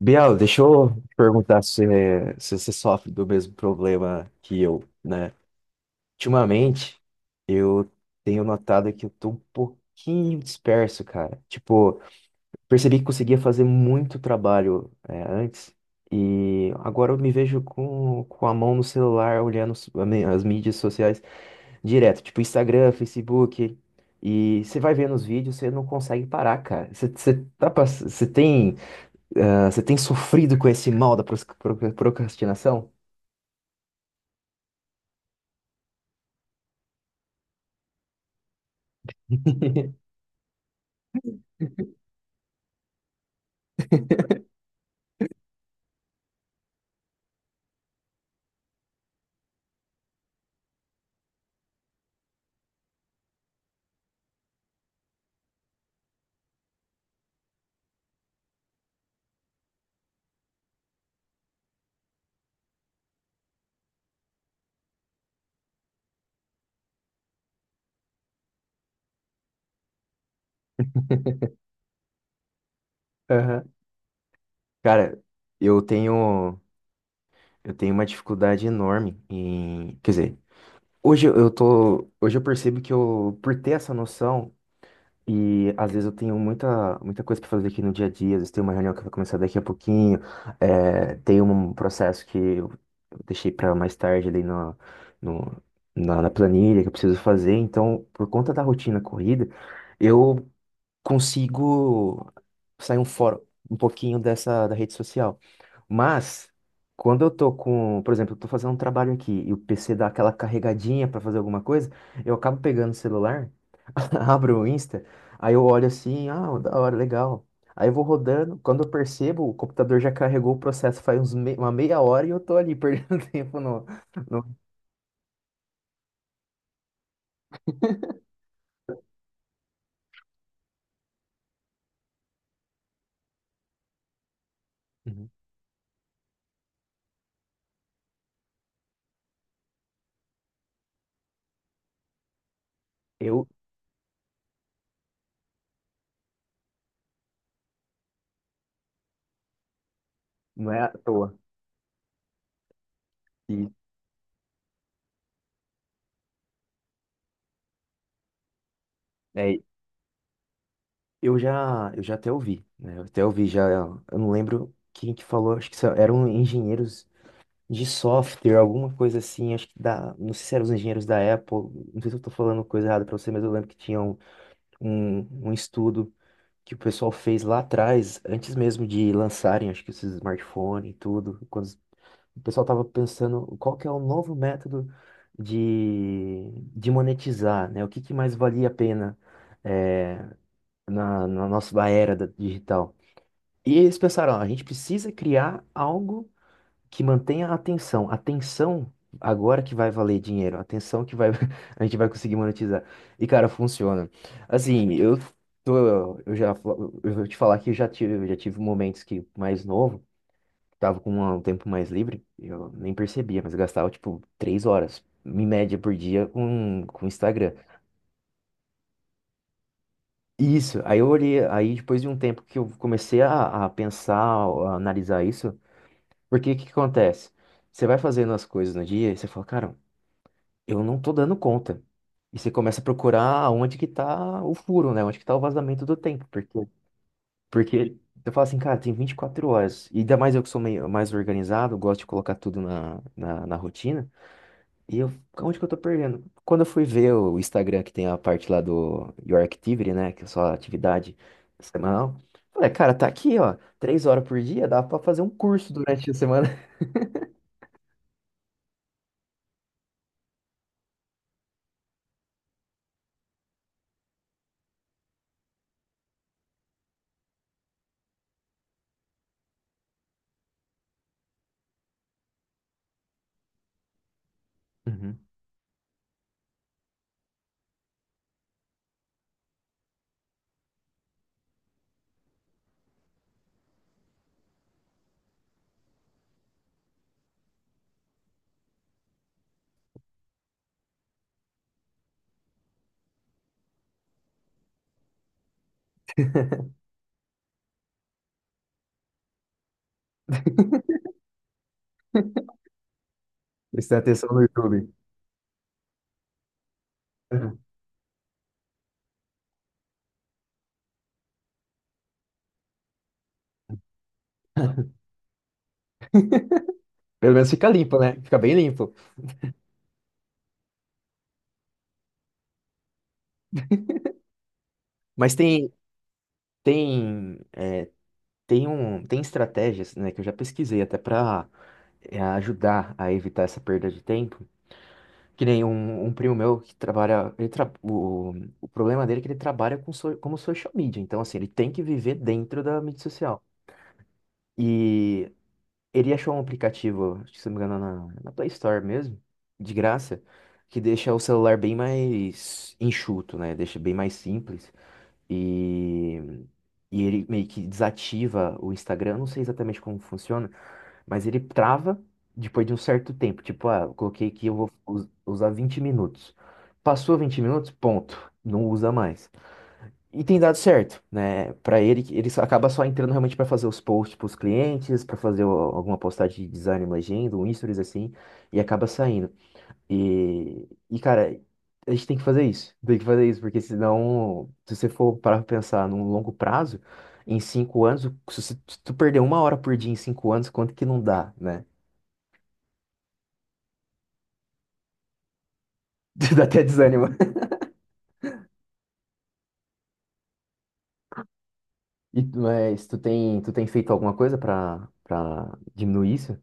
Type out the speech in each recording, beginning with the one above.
Biel, deixa eu te perguntar se você sofre do mesmo problema que eu, né? Ultimamente, eu tenho notado que eu tô um pouquinho disperso, cara. Tipo, percebi que conseguia fazer muito trabalho, antes, e agora eu me vejo com a mão no celular, olhando as mídias sociais direto, tipo Instagram, Facebook. E você vai vendo os vídeos, você não consegue parar, cara. Você tem. Ah, você tem sofrido com esse mal da procrastinação? Aham. Cara, eu tenho eu tenho uma dificuldade enorme em, quer dizer, hoje eu percebo que eu por ter essa noção e às vezes eu tenho muita muita coisa para fazer aqui no dia a dia, às vezes tem uma reunião que vai começar daqui a pouquinho, tem um processo que eu deixei para mais tarde ali na no, na, na planilha que eu preciso fazer, então por conta da rotina corrida, eu consigo sair um fora um pouquinho dessa da rede social. Mas quando eu tô com, por exemplo, eu tô fazendo um trabalho aqui e o PC dá aquela carregadinha para fazer alguma coisa, eu acabo pegando o celular, abro o Insta, aí eu olho assim, ah, da hora, legal. Aí eu vou rodando, quando eu percebo, o computador já carregou o processo faz uma meia hora e eu tô ali perdendo tempo no. Uhum. Eu Não é à toa. E, é eu já até ouvi, né? Eu até ouvi já, eu não lembro quem que falou, acho que eram engenheiros de software, alguma coisa assim, acho que não sei se eram os engenheiros da Apple, não sei se eu tô falando coisa errada pra você, mas eu lembro que tinha um, um estudo que o pessoal fez lá atrás, antes mesmo de lançarem, acho que esses smartphones e tudo, quando o pessoal tava pensando qual que é o novo método de monetizar, né? O que que mais valia a pena? eh, na nossa era digital. E eles pensaram, ó, a gente precisa criar algo que mantenha a atenção. Atenção agora que vai valer dinheiro, atenção que vai a gente vai conseguir monetizar. E cara, funciona. Assim, tô, eu já fa- eu vou te falar que eu já tive momentos que mais novo, tava com um tempo mais livre, eu nem percebia, mas eu gastava tipo 3 horas em média por dia com o Instagram. Isso, aí eu olhei, aí depois de um tempo que eu comecei a pensar, a analisar isso, porque o que que acontece? Você vai fazendo as coisas no dia e você fala, cara, eu não tô dando conta. E você começa a procurar onde que tá o furo, né? Onde que tá o vazamento do tempo, porque, porque você fala assim, cara, tem 24 horas. E ainda mais eu que sou meio mais organizado, gosto de colocar tudo na rotina. E eu, Onde que eu tô perdendo? Quando eu fui ver o Instagram, que tem a parte lá do Your Activity, né? Que é só atividade semanal. Falei, cara, tá aqui, ó. 3 horas por dia, dá pra fazer um curso durante a semana. Uhum. Prestar atenção no YouTube. Uhum. Pelo menos fica limpo, né? Fica bem limpo. Mas tem, tem estratégias, né? Que eu já pesquisei até pra ajudar a evitar essa perda de tempo. Que nem um primo meu que trabalha. O problema dele é que ele trabalha com como social media. Então, assim, ele tem que viver dentro da mídia social. E ele achou um aplicativo, acho que se não me engano, na Play Store mesmo, de graça, que deixa o celular bem mais enxuto, né? Deixa bem mais simples. E, e ele meio que desativa o Instagram. Eu não sei exatamente como funciona, mas ele trava depois de um certo tempo. Tipo, ah, eu coloquei que eu vou usar 20 minutos. Passou 20 minutos, ponto. Não usa mais. E tem dado certo, né? Para ele, ele acaba só entrando realmente para fazer os posts para os clientes, para fazer alguma postagem de design, uma agenda, um stories assim, e acaba saindo. E cara, a gente tem que fazer isso. Tem que fazer isso, porque senão, se você for parar para pensar num longo prazo, em 5 anos, se tu perder 1 hora por dia em 5 anos, quanto que não dá, né? Dá até desânimo. E, mas tu tem feito alguma coisa pra diminuir isso?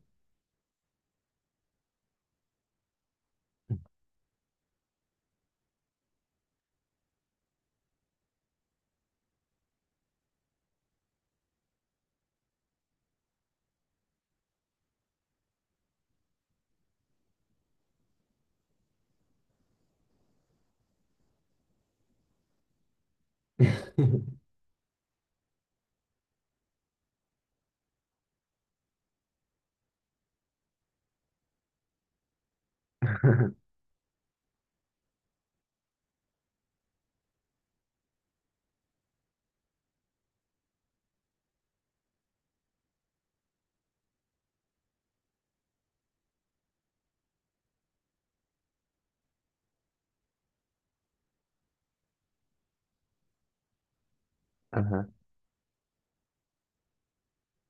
Aham.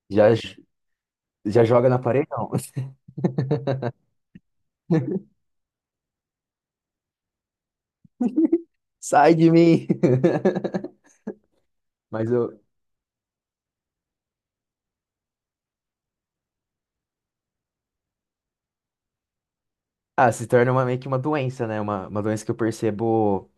Já, já joga na parede? Não. Sai de mim! Mas eu. Ah, se torna uma, meio que uma doença, né? Uma doença que eu percebo.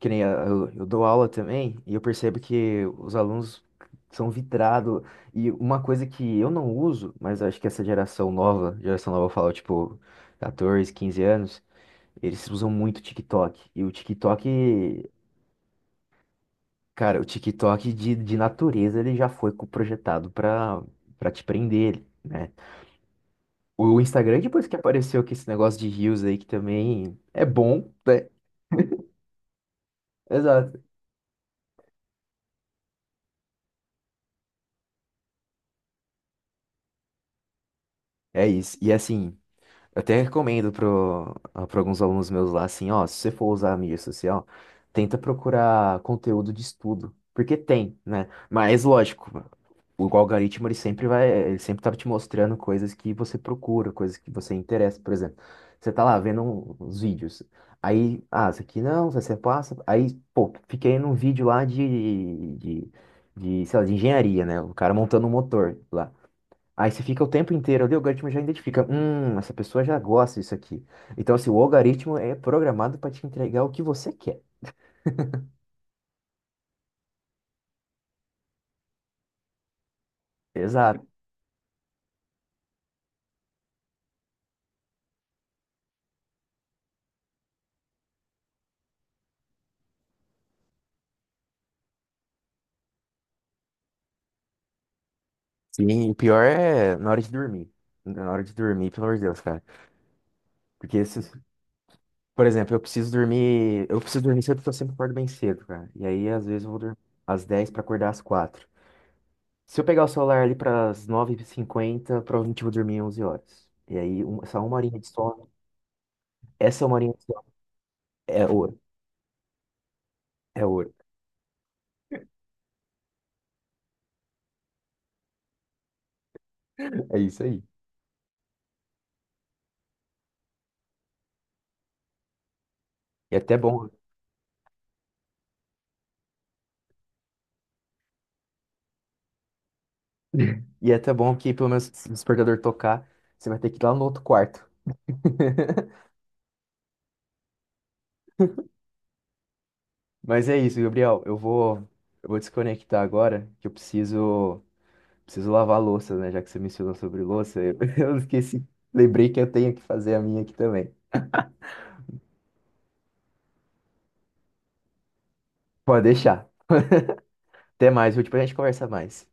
Que nem eu dou aula também, e eu percebo que os alunos são vitrados. E uma coisa que eu não uso, mas acho que essa geração nova eu falo, tipo, 14, 15 anos. Eles usam muito TikTok. E o TikTok, cara, o TikTok de natureza ele já foi projetado pra te prender, né? O Instagram, depois que apareceu com esse negócio de Reels aí, que também é bom, né? Exato. É isso. E assim, eu até recomendo pra alguns alunos meus lá, assim, ó, se você for usar a mídia social, tenta procurar conteúdo de estudo. Porque tem, né? Mas lógico. O algoritmo, ele sempre tá te mostrando coisas que você procura, coisas que você interessa. Por exemplo, você tá lá vendo uns vídeos. Aí, ah, isso aqui não, isso aqui você passa. Aí, pô, fiquei num vídeo lá sei lá, de engenharia, né? O cara montando um motor lá. Aí você fica o tempo inteiro ali, o algoritmo já identifica, essa pessoa já gosta disso aqui. Então, assim, o algoritmo é programado para te entregar o que você quer. Exato. Sim, o pior é na hora de dormir. Na hora de dormir, pelo amor de Deus, cara. Porque se, Por exemplo, eu preciso dormir. Eu preciso dormir cedo porque eu sempre acordo bem cedo, cara. E aí, às vezes, eu vou dormir às 10h pra acordar às quatro. Se eu pegar o celular ali pras 9h50 provavelmente eu vou dormir 11h. E aí, só uma horinha de sono. Essa uma horinha de sono é ouro. É ouro. É isso aí. E é até bom. E é até bom que, pelo menos, se o despertador tocar, você vai ter que ir lá no outro quarto. Mas é isso, Gabriel. Eu vou desconectar agora, que eu preciso. Preciso lavar a louça, né? Já que você mencionou sobre louça, eu, eu esqueci. Lembrei que eu tenho que fazer a minha aqui também. Pode deixar. Até mais, viu? Depois a gente conversar mais.